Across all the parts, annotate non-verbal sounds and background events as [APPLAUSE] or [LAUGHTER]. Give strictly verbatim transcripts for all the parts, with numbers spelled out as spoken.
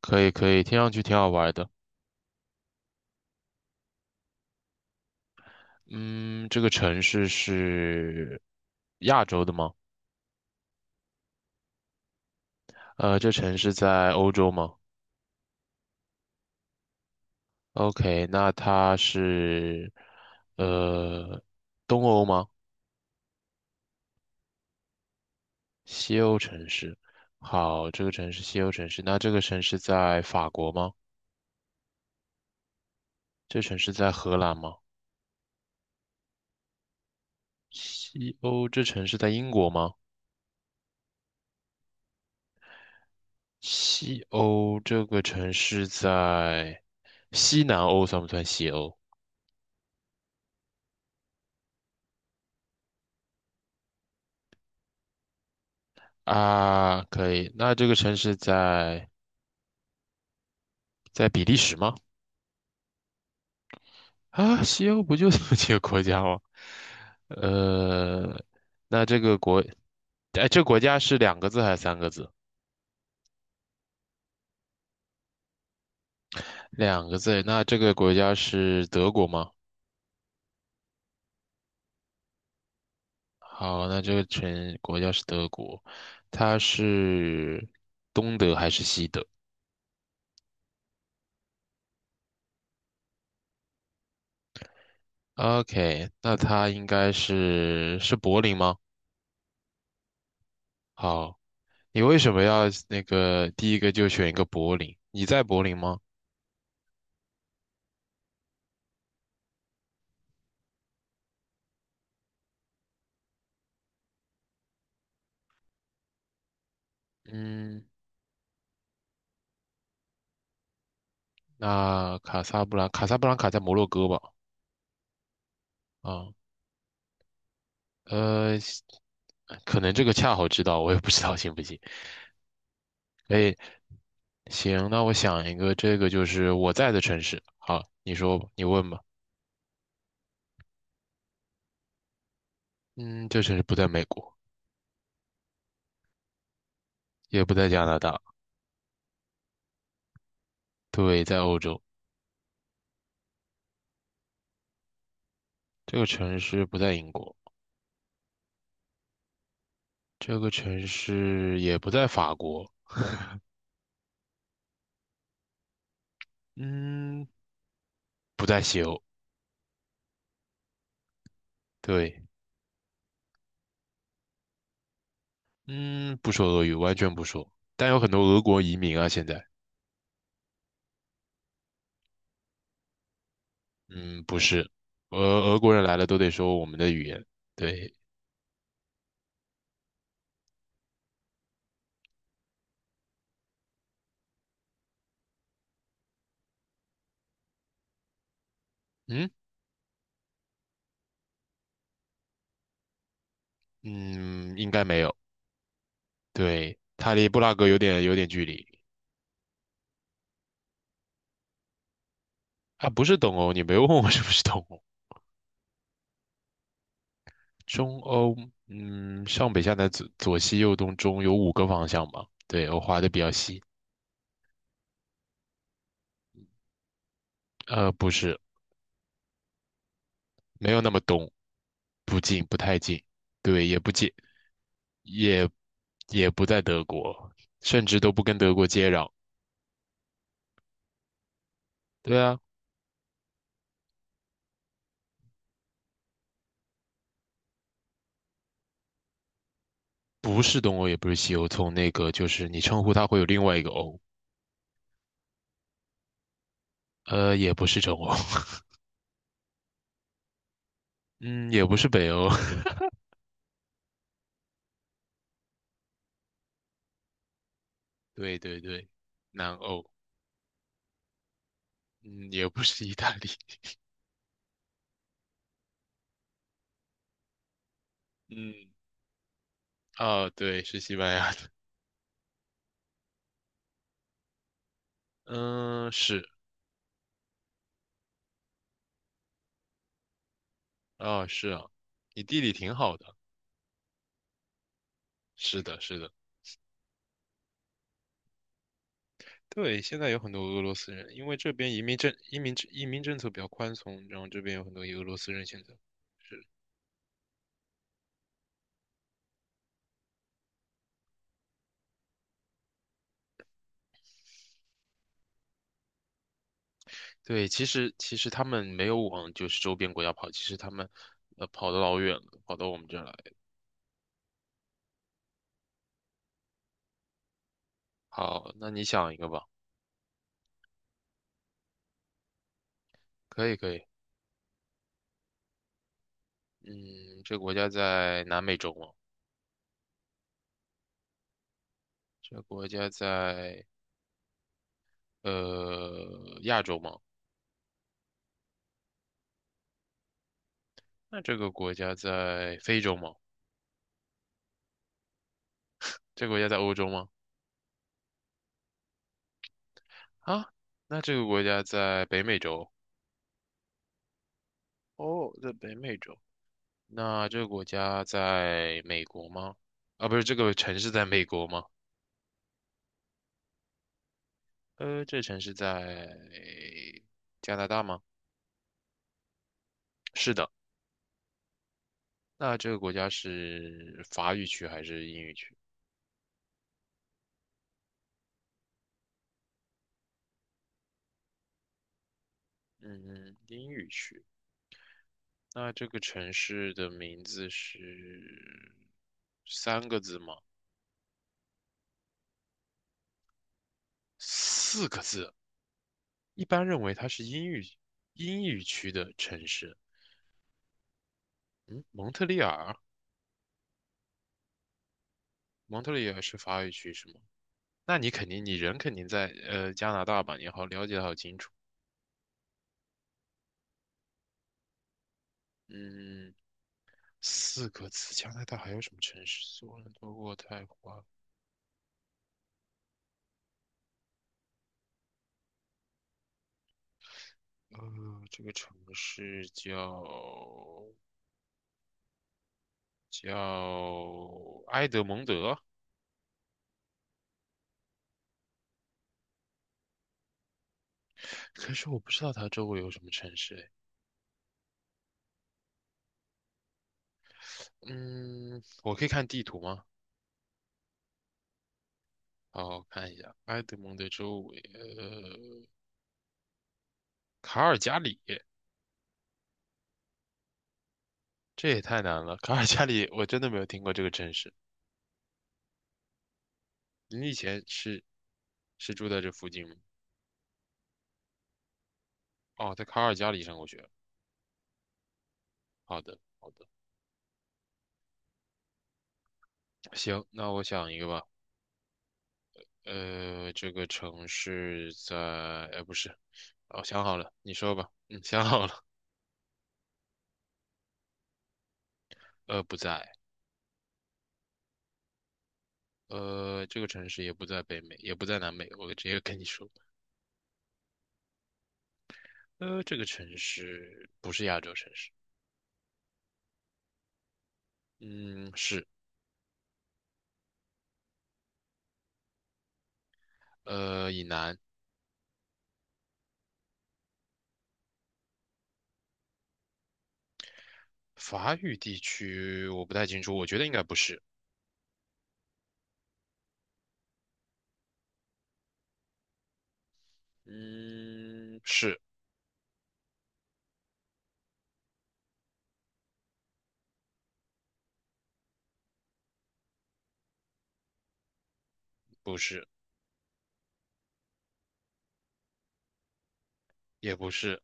可以可以，听上去挺好玩的。嗯，这个城市是亚洲的吗？呃，这城市在欧洲吗？OK，那它是呃东欧吗？西欧城市。好，这个城市西欧城市，那这个城市在法国吗？这城市在荷兰吗？西欧这城市在英国吗？西欧这个城市在西南欧算不算西欧？啊，可以。那这个城市在在比利时吗？啊，西欧不就这么几个国家吗？呃，那这个国，哎，这个国家是两个字还是三个字？两个字。那这个国家是德国吗？好，那这个城国家是德国，它是东德还是西德？OK，那它应该是是柏林吗？好。你为什么要那个第一个就选一个柏林？你在柏林吗？嗯，那卡萨布兰，卡萨布兰卡在摩洛哥吧？啊，呃，可能这个恰好知道，我也不知道行不行。可以，行，那我想一个，这个就是我在的城市。好，你说吧，你问吧。嗯，这城市不在美国，也不在加拿大，对，在欧洲。这个城市不在英国，这个城市也不在法国，嗯，不在西欧，对。嗯，不说俄语，完全不说。但有很多俄国移民啊，现在，嗯，不是，俄俄国人来了都得说我们的语言。对，嗯嗯，应该没有。对，它离布拉格有点有点距离啊，不是东欧，你没有问我 [LAUGHS] 是不是东欧。中欧，嗯，上北下南左左西右东中有五个方向吧？对，我划的比较细。呃，不是，没有那么东，不近，不太近，对，也不近。也也不在德国，甚至都不跟德国接壤。对啊，不是东欧，也不是西欧，从那个就是你称呼它会有另外一个欧，呃，也不是中欧，[LAUGHS] 嗯，也不是北欧，[LAUGHS] 对对对，南欧，嗯，也不是意大利，嗯，啊，对，是西班牙的，嗯，是，啊，是啊，你地理挺好的，是的，是的。对，现在有很多俄罗斯人，因为这边移民政移民移民政策比较宽松，然后这边有很多俄罗斯人现在。是。对，其实其实他们没有往就是周边国家跑，其实他们呃跑得老远了，跑到我们这儿来。好，那你想一个吧，可以可以。嗯，这个国家在南美洲吗？这个国家在呃亚洲吗？那这个国家在非洲吗？这个国家在欧洲吗？啊，那这个国家在北美洲。哦，在北美洲。那这个国家在美国吗？啊，不是，这个城市在美国吗？呃，这城市在加拿大吗？是的。那这个国家是法语区还是英语区？嗯，英语区。那这个城市的名字是三个字吗？四个字。一般认为它是英语英语区的城市。嗯，蒙特利尔，蒙特利尔是法语区是吗？那你肯定，你人肯定在呃加拿大吧？你好了解的好清楚。嗯，四个字，加拿大还有什么城市？索伦多、渥太华，呃，这个城市叫叫埃德蒙德，可是我不知道它周围有什么城市诶。嗯，我可以看地图吗？好，我看一下埃德蒙德周围，呃，卡尔加里，这也太难了。卡尔加里，我真的没有听过这个城市。你以前是是住在这附近吗？哦，在卡尔加里上过学。好的，好的，行，那我想一个吧。呃，这个城市在，呃，不是，哦，想好了，你说吧。嗯，想好了。呃，不在。呃，这个城市也不在北美，也不在南美。我直接跟你说，呃，这个城市不是亚洲城市。嗯，是。呃，以南，法语地区我不太清楚，我觉得应该不是。嗯，是不是？也不是。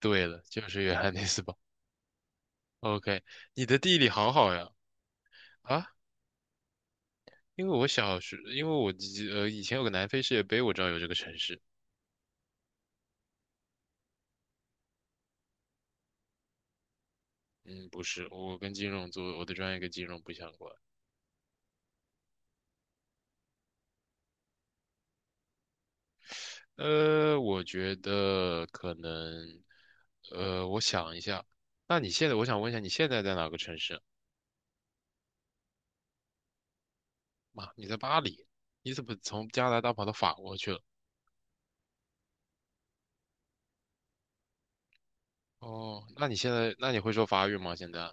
对了，就是约翰内斯堡。[LAUGHS] OK，你的地理好好呀。啊，因为我小时，因为我记呃以前有个南非世界杯，我知道有这个城市。嗯，不是，我跟金融做，我的专业跟金融不相关。呃，我觉得可能，呃，我想一下。那你现在，我想问一下，你现在在哪个城市？妈，你在巴黎？你怎么从加拿大跑到法国去了？哦，那你现在，那你会说法语吗？现在？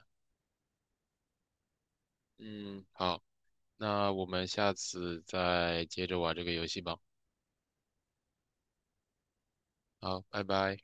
嗯，好，那我们下次再接着玩这个游戏吧。好，拜拜。